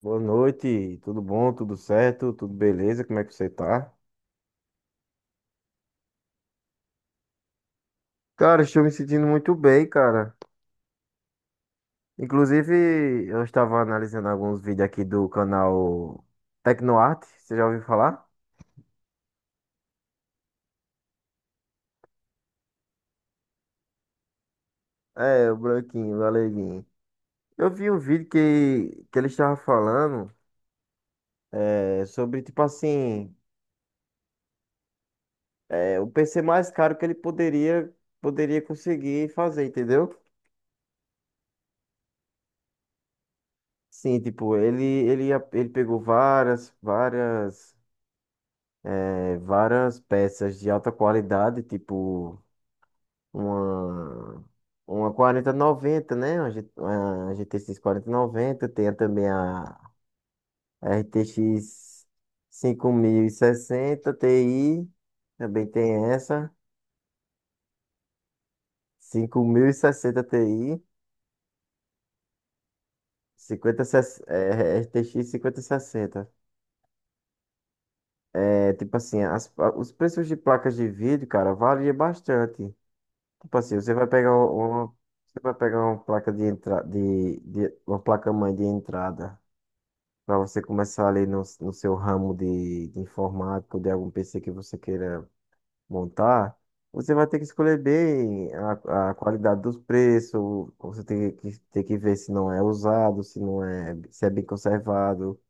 Boa noite, tudo bom, tudo certo, tudo beleza, como é que você tá? Cara, estou me sentindo muito bem, cara. Inclusive, eu estava analisando alguns vídeos aqui do canal Tecnoarte, você já ouviu falar? É, o Branquinho, o Aleguinho. Eu vi um vídeo que ele estava falando sobre, tipo assim, o PC mais caro que ele poderia conseguir fazer, entendeu? Sim, tipo, ele pegou várias. Várias peças de alta qualidade, tipo uma, uma quarenta e noventa, né? Uma GTX noventa. Tem também a r t x cinco mil, RTX 5060 Ti, também tem essa, 5060 Ti. 50, é, RTX sessenta. É, tipo assim, os preços de placas de vídeo, cara, varia bastante. Tipo assim, você vai pegar uma placa de entrada, uma placa-mãe de entrada, para você começar ali no, no seu ramo de informática ou de algum PC que você queira montar, você vai ter que escolher bem a qualidade dos preços, você tem tem que ver se não é usado, se não é, se é bem conservado,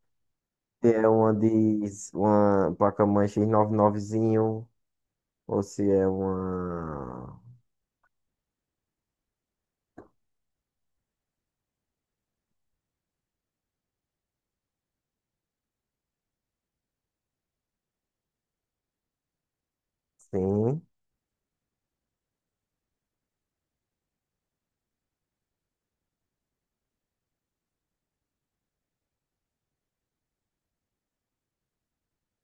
se é uma de uma placa-mãe X99zinho, ou se é uma... Sim,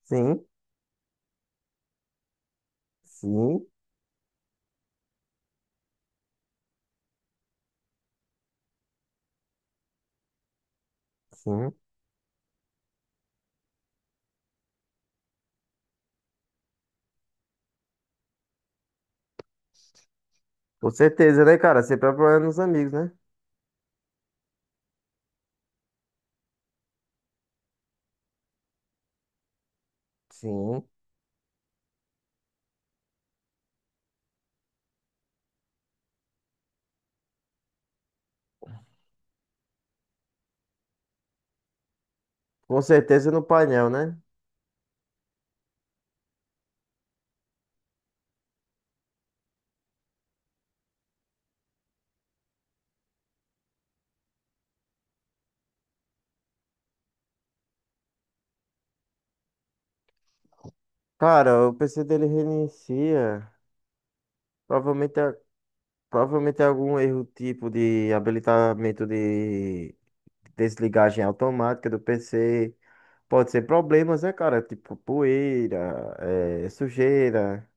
sim. Sim. Sim. Com certeza, né, cara? Sempre apoiando os amigos, né? Sim. Com certeza, no painel, né? Cara, o PC dele reinicia. Provavelmente é, provavelmente é algum erro tipo de habilitamento de desligagem automática do PC. Pode ser problemas, né, cara? Tipo poeira, sujeira.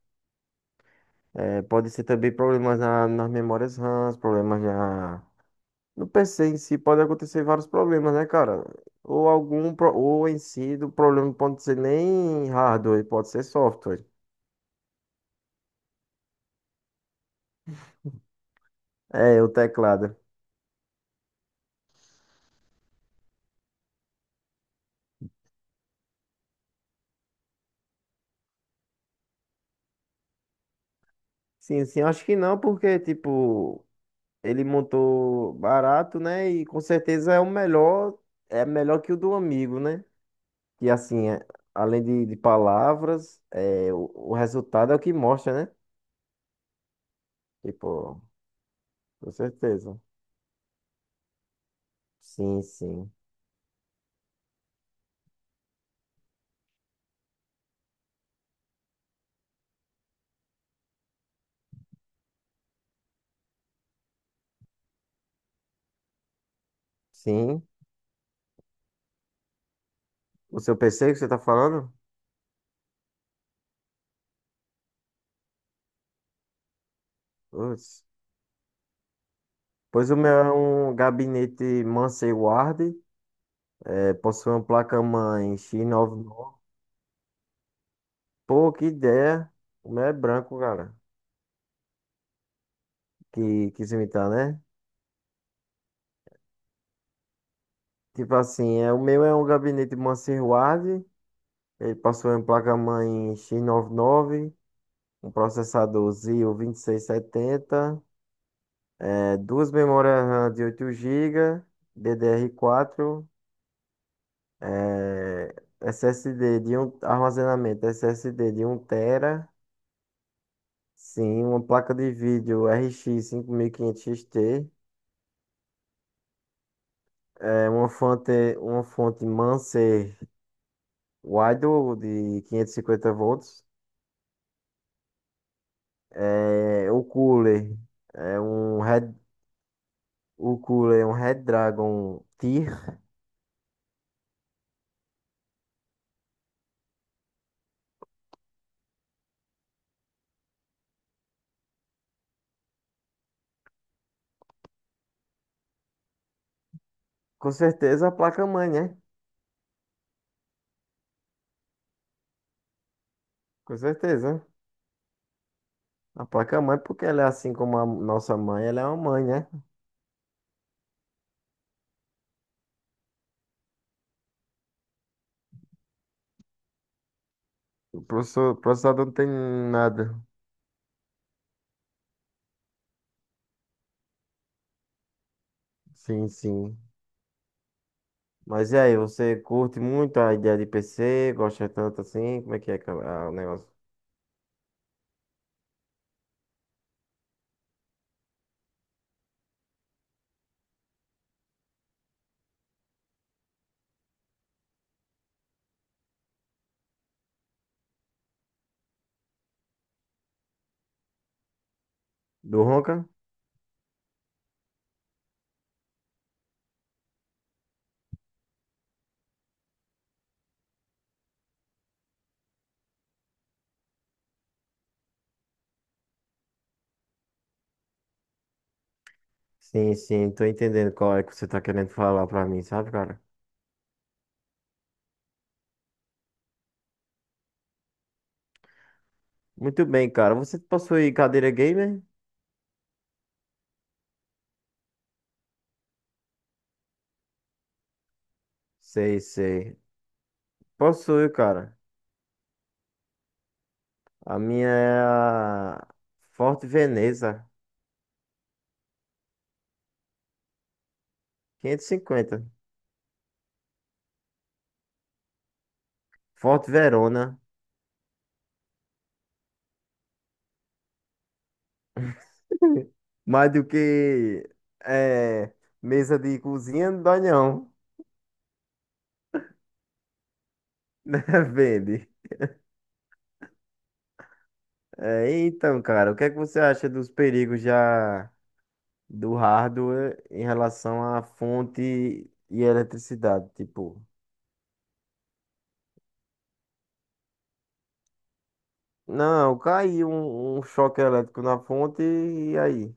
Pode ser também problemas nas memórias RAM, problemas na, no PC em si. Pode acontecer vários problemas, né, cara? Ou algum, ou em si, do problema não pode ser nem hardware, pode ser software. É, o teclado. Sim, sim, acho que não, porque, tipo, ele montou barato, né? E com certeza é o melhor, é melhor que o do amigo, né? E assim, é, além de palavras, é, o resultado é o que mostra, né? Tipo, com certeza. Sim, sim. Sim. O seu PC que você tá falando? Putz. Pois o meu é um gabinete Mansell Ward, é, possui uma placa-mãe X99. Pô, que ideia. O meu é branco, cara. Que quis imitar, né? Tipo assim, é, o meu é um gabinete Mansell Ward, ele possui uma placa-mãe X99, um processador Zio 2670, é, duas memórias RAM de 8 GB, DDR4, é, SSD de um armazenamento SSD de um tera. Sim, uma placa de vídeo RX 5500 XT, é uma fonte Manser Waidel de 550 volts, é, é um Red, o cooler é um Red Dragon tier. Com certeza a placa-mãe, né? Com certeza. A placa-mãe, porque ela é assim como a nossa mãe, ela é uma mãe, né? O processador, processador não tem nada. Sim, sim. Mas e aí, você curte muito a ideia de PC? Gosta tanto assim? Como é que é que é o negócio? Do Ronca? Sim, sim, tô entendendo qual é que você tá querendo falar pra mim, sabe, cara? Muito bem, cara. Você possui cadeira gamer? Sei, sei. Possui, cara. A minha é a Forte Veneza 550. Forte Verona. Mais do que é, mesa de cozinha, não dói não. Né? Vende. É, então, cara, o que é que você acha dos perigos já do hardware em relação à fonte e eletricidade? Tipo, não, caiu um, um choque elétrico na fonte e aí?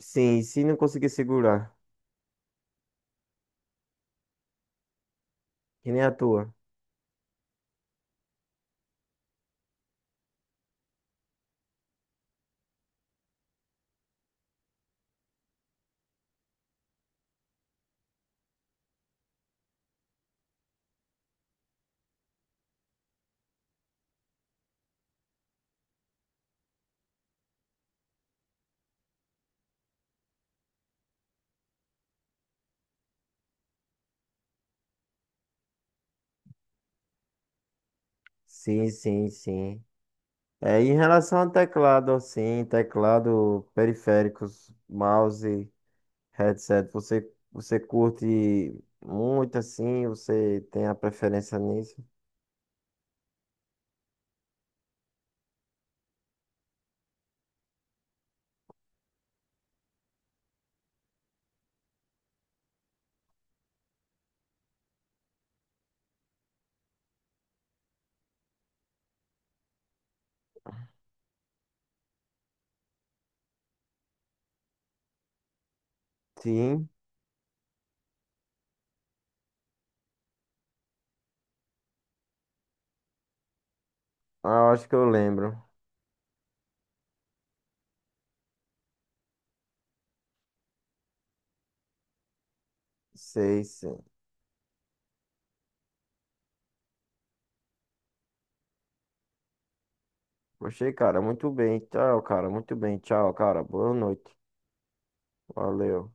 Sim, se não conseguir segurar, que nem a tua. Sim, sim, sim. É, em relação ao teclado, assim, teclado, periféricos, mouse, headset, você, você curte muito assim, você tem a preferência nisso? Sim. Ah, eu acho que eu lembro. Sei, sim. Poxa, cara, muito bem. Tchau, cara. Muito bem. Tchau, cara. Boa noite. Valeu.